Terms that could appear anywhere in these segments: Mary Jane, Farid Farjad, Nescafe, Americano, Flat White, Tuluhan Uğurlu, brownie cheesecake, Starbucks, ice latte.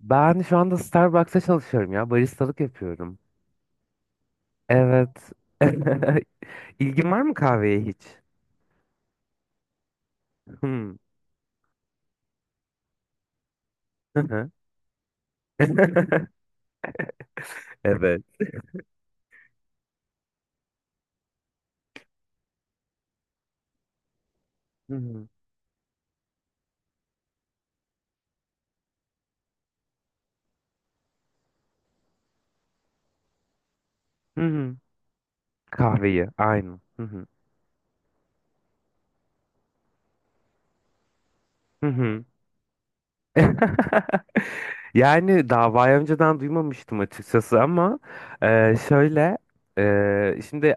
Ben şu anda Starbucks'ta çalışıyorum ya. Baristalık yapıyorum. Evet. İlgin var mı kahveye hiç? Hmm. Hı hı. Evet. Hı hı. Hı hı. Kahveyi. Aynı. Hı hı. Hı hı. Yani davayı önceden duymamıştım açıkçası ama şöyle şimdi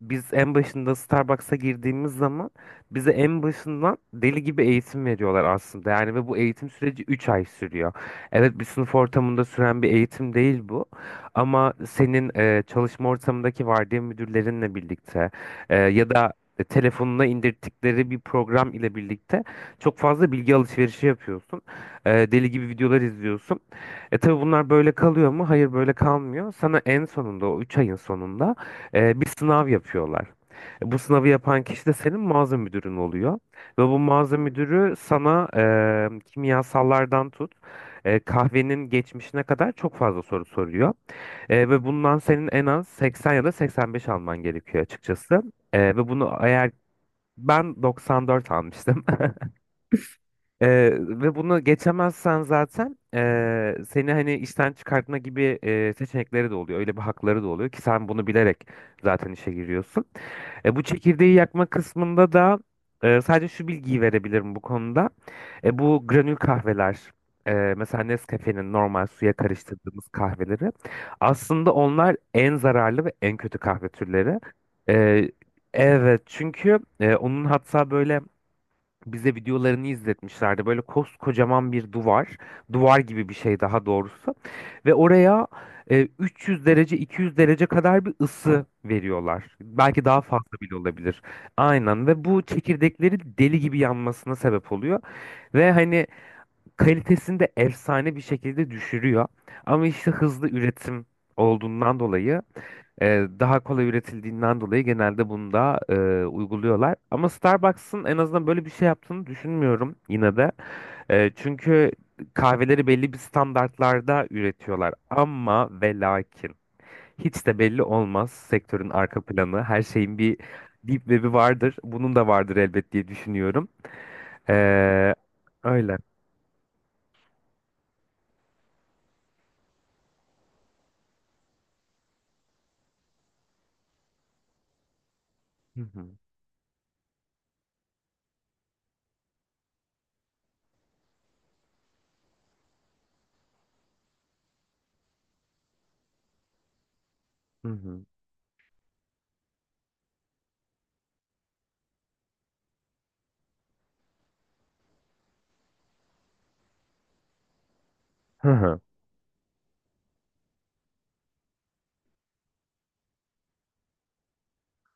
biz en başında Starbucks'a girdiğimiz zaman bize en başından deli gibi eğitim veriyorlar aslında. Yani ve bu eğitim süreci 3 ay sürüyor. Evet, bir sınıf ortamında süren bir eğitim değil bu, ama senin çalışma ortamındaki vardiya müdürlerinle birlikte ya da telefonuna indirttikleri bir program ile birlikte çok fazla bilgi alışverişi yapıyorsun. Deli gibi videolar izliyorsun. Tabii bunlar böyle kalıyor mu? Hayır, böyle kalmıyor. Sana en sonunda, o 3 ayın sonunda, bir sınav yapıyorlar. Bu sınavı yapan kişi de senin mağaza müdürün oluyor. Ve bu mağaza müdürü sana kimyasallardan tut, kahvenin geçmişine kadar çok fazla soru soruyor. Ve bundan senin en az 80 ya da 85 alman gerekiyor açıkçası. Ve bunu eğer ben 94 almıştım. Ve bunu geçemezsen zaten seni hani işten çıkartma gibi seçenekleri de oluyor. Öyle bir hakları da oluyor ki sen bunu bilerek zaten işe giriyorsun. Bu çekirdeği yakma kısmında da sadece şu bilgiyi verebilirim bu konuda. Bu granül kahveler, mesela Nescafe'nin normal suya karıştırdığımız kahveleri, aslında onlar en zararlı ve en kötü kahve türleri. E, evet, çünkü onun hatta böyle bize videolarını izletmişlerdi. Böyle koskocaman bir duvar, duvar gibi bir şey daha doğrusu. Ve oraya 300 derece, 200 derece kadar bir ısı veriyorlar. Belki daha fazla bile olabilir. Aynen, ve bu çekirdekleri deli gibi yanmasına sebep oluyor. Ve hani kalitesini de efsane bir şekilde düşürüyor. Ama işte hızlı üretim olduğundan dolayı, e, daha kolay üretildiğinden dolayı, genelde bunu da uyguluyorlar. Ama Starbucks'ın en azından böyle bir şey yaptığını düşünmüyorum yine de. Çünkü kahveleri belli bir standartlarda üretiyorlar. Ama ve lakin hiç de belli olmaz sektörün arka planı. Her şeyin bir deep web'i vardır. Bunun da vardır elbet diye düşünüyorum. E, Öyle. Hı hı, hı hı, hı hı.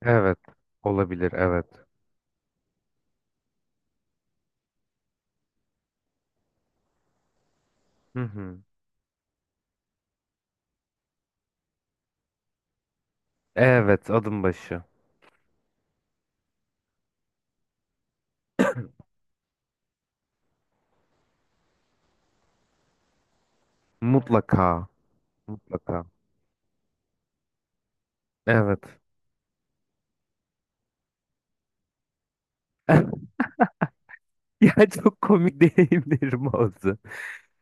Evet. Olabilir. Evet. Hı hı. Evet. Adım başı. Mutlaka. Mutlaka. Evet. Ya çok komik deneyimlerim oldu.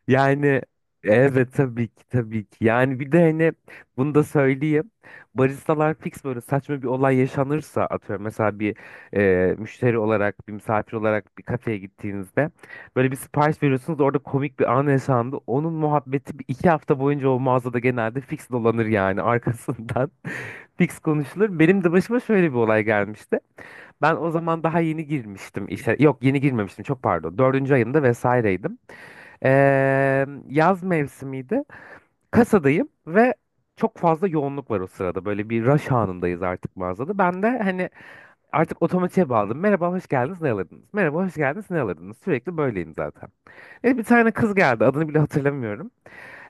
Yani evet, tabii ki tabii ki. Yani bir de hani bunu da söyleyeyim. Baristalar fix, böyle saçma bir olay yaşanırsa, atıyorum mesela bir müşteri olarak, bir misafir olarak bir kafeye gittiğinizde böyle bir sipariş veriyorsunuz, orada komik bir an yaşandı. Onun muhabbeti bir iki hafta boyunca o mağazada genelde fix dolanır yani, arkasından fix konuşulur. Benim de başıma şöyle bir olay gelmişti. Ben o zaman daha yeni girmiştim işe. Yok, yeni girmemiştim, çok pardon. Dördüncü ayımda vesaireydim. Yaz mevsimiydi. Kasadayım ve çok fazla yoğunluk var o sırada. Böyle bir rush anındayız artık mağazada. Ben de hani artık otomatiğe bağladım. Merhaba, hoş geldiniz, ne alırdınız? Merhaba, hoş geldiniz, ne alırdınız? Sürekli böyleyim zaten. Evet, bir tane kız geldi. Adını bile hatırlamıyorum.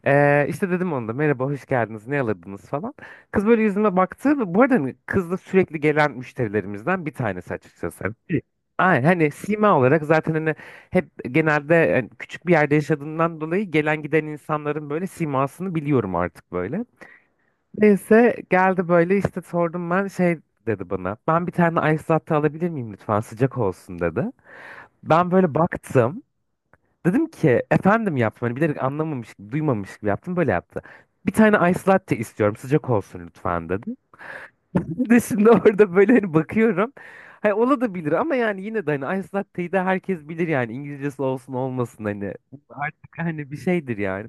İşte dedim ona da, merhaba hoş geldiniz ne alırdınız falan. Kız böyle yüzüme baktı ve bu arada hani kız da sürekli gelen müşterilerimizden bir tanesi açıkçası. Evet. Aynen, hani sima olarak zaten, hani hep, genelde yani küçük bir yerde yaşadığımdan dolayı gelen giden insanların böyle simasını biliyorum artık böyle. Neyse, geldi böyle işte, sordum ben, şey dedi bana. Ben bir tane ice latte alabilir miyim lütfen, sıcak olsun, dedi. Ben böyle baktım. Dedim ki efendim, yaptım. Hani bilerek anlamamış gibi, duymamış gibi yaptım. Böyle yaptı. Bir tane ice latte istiyorum. Sıcak olsun lütfen, dedi. Ben de şimdi orada böyle hani bakıyorum. Hani olabilir ama yani yine de, hani ice latte'yi de herkes bilir yani. İngilizcesi olsun olmasın hani. Bu artık hani bir şeydir yani.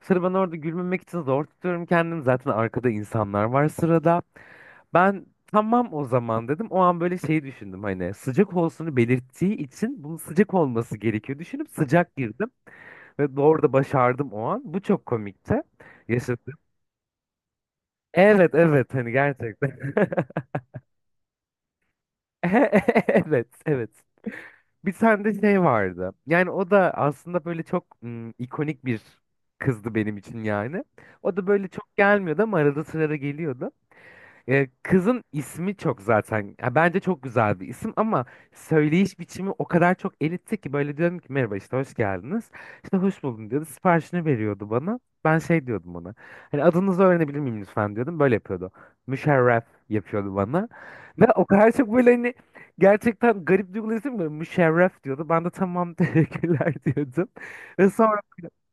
Sonra ben orada gülmemek için zor tutuyorum kendimi. Zaten arkada insanlar var sırada. Ben, tamam o zaman, dedim. O an böyle şey düşündüm, hani sıcak olsunu belirttiği için bunun sıcak olması gerekiyor. Düşünüp sıcak girdim. Ve doğru da başardım o an. Bu çok komikti. Yaşadım. Evet evet, hani gerçekten. Evet evet. Bir tane de şey vardı. Yani o da aslında böyle çok ikonik bir kızdı benim için yani. O da böyle çok gelmiyordu ama arada sırada geliyordu. Kızın ismi çok zaten ya, bence çok güzel bir isim, ama söyleyiş biçimi o kadar çok elitti ki, böyle diyorum ki merhaba işte hoş geldiniz. İşte hoş buldum diyordu, siparişini veriyordu bana. Ben şey diyordum ona, hani adınızı öğrenebilir miyim lütfen diyordum, böyle yapıyordu. Müşerref yapıyordu bana. Ve o kadar çok böyle hani, gerçekten garip duygular, isim böyle, müşerref diyordu. Ben de tamam teşekkürler diyordum. Ve sonra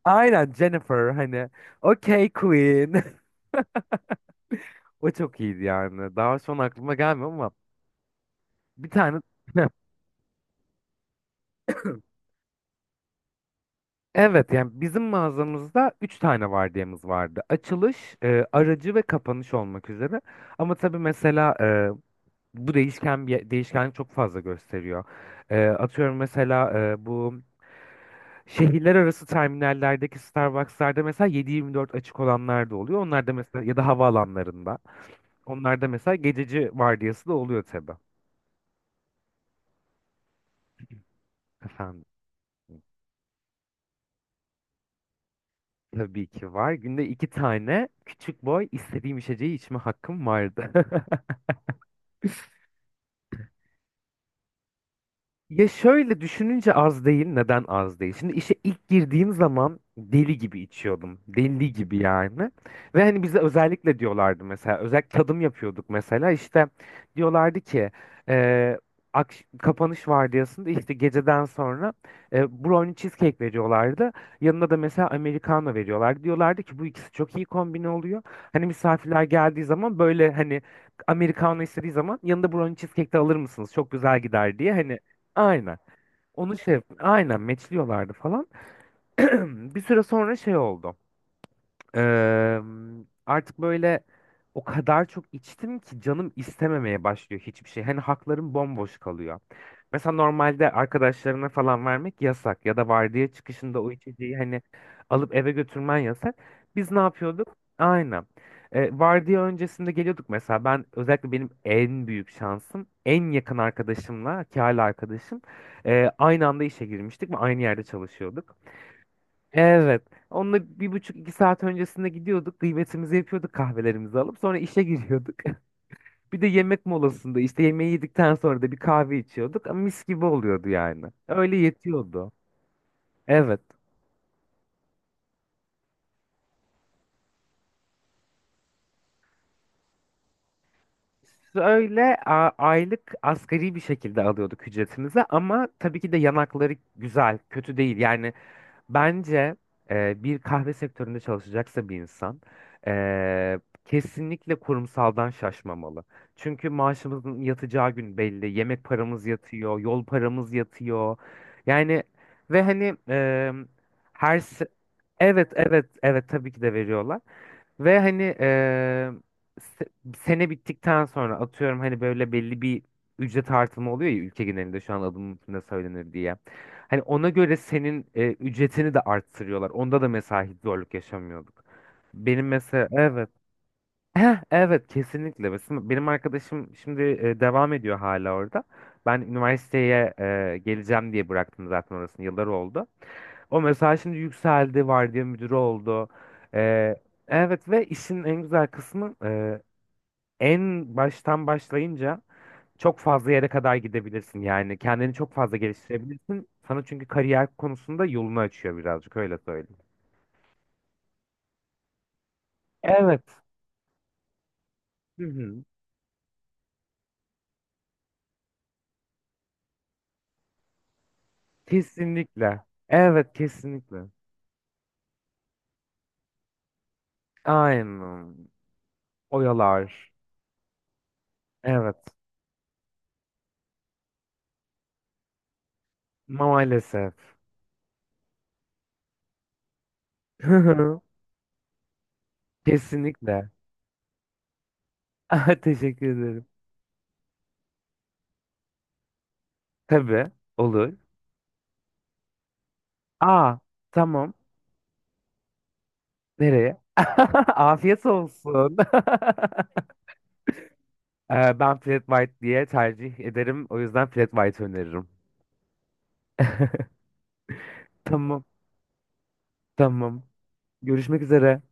aynen Jennifer hani, okey queen. O çok iyiydi yani. Daha şu an aklıma gelmiyor ama bir tane. Evet, yani bizim mağazamızda 3 tane vardiyamız vardı. Açılış, aracı ve kapanış olmak üzere. Ama tabii mesela bu değişken, bir değişkenlik çok fazla gösteriyor. Atıyorum mesela, bu şehirler arası terminallerdeki Starbucks'larda mesela 7-24 açık olanlar da oluyor. Onlar da, mesela, ya da havaalanlarında. Onlar da mesela gececi vardiyası da oluyor tabii. Efendim. Tabii ki var. Günde iki tane küçük boy istediğim içeceği içme hakkım vardı. Ya şöyle düşününce az değil. Neden az değil? Şimdi işe ilk girdiğim zaman deli gibi içiyordum. Deli gibi yani. Ve hani bize özellikle diyorlardı mesela. Özellikle tadım yapıyorduk mesela. İşte diyorlardı ki eee, kapanış vardiyasında, işte geceden sonra, brownie cheesecake veriyorlardı. Yanına da mesela Americano veriyorlardı. Diyorlardı ki bu ikisi çok iyi kombine oluyor. Hani misafirler geldiği zaman böyle hani Americano istediği zaman yanında brownie cheesecake de alır mısınız, çok güzel gider, diye. Hani. Aynen. Onu şey, aynen meçliyorlardı falan. Bir süre sonra şey oldu. Eee, Artık böyle o kadar çok içtim ki canım istememeye başlıyor hiçbir şey. Hani haklarım bomboş kalıyor. Mesela normalde arkadaşlarına falan vermek yasak, ya da vardiya çıkışında o içeceği hani alıp eve götürmen yasak. Biz ne yapıyorduk? Aynen. Vardiya öncesinde geliyorduk mesela. Ben özellikle, benim en büyük şansım, en yakın arkadaşımla, ki hala arkadaşım, aynı anda işe girmiştik ve aynı yerde çalışıyorduk. Evet. Onunla bir buçuk iki saat öncesinde gidiyorduk. Kıymetimizi yapıyorduk kahvelerimizi alıp. Sonra işe giriyorduk. Bir de yemek molasında, işte yemeği yedikten sonra da bir kahve içiyorduk. Ama mis gibi oluyordu yani. Öyle yetiyordu. Evet. Öyle aylık asgari bir şekilde alıyorduk ücretimizi, ama tabii ki de yanakları güzel, kötü değil. Yani bence bir kahve sektöründe çalışacaksa bir insan, e, kesinlikle kurumsaldan şaşmamalı. Çünkü maaşımızın yatacağı gün belli, yemek paramız yatıyor, yol paramız yatıyor. Yani ve hani her se- evet evet evet, tabii ki de veriyorlar. Ve hani se- sene bittikten sonra atıyorum, hani böyle belli bir ücret artımı oluyor ya ülke genelinde, şu an alım üstünde söylenir diye. Hani ona göre senin ücretini de arttırıyorlar. Onda da mesela hiç zorluk yaşamıyorduk. Benim mesela, evet. Heh, evet kesinlikle. Mesela benim arkadaşım şimdi devam ediyor hala orada. Ben üniversiteye geleceğim diye bıraktım zaten orasını. Yıllar oldu. O mesela şimdi yükseldi, vardiya müdürü oldu. E, evet, ve işin en güzel kısmı, en baştan başlayınca çok fazla yere kadar gidebilirsin. Yani kendini çok fazla geliştirebilirsin. Sana, çünkü, kariyer konusunda yolunu açıyor birazcık, öyle söyleyeyim. Evet. Hı hı. Kesinlikle. Evet kesinlikle. Aynen. Oyalar. Evet. Maalesef. Kesinlikle. Teşekkür ederim. Tabii. Olur. Aa, tamam. Nereye? Afiyet olsun. Ben Flat White diye tercih ederim. O yüzden Flat White öneririm. Tamam. Tamam. Görüşmek üzere.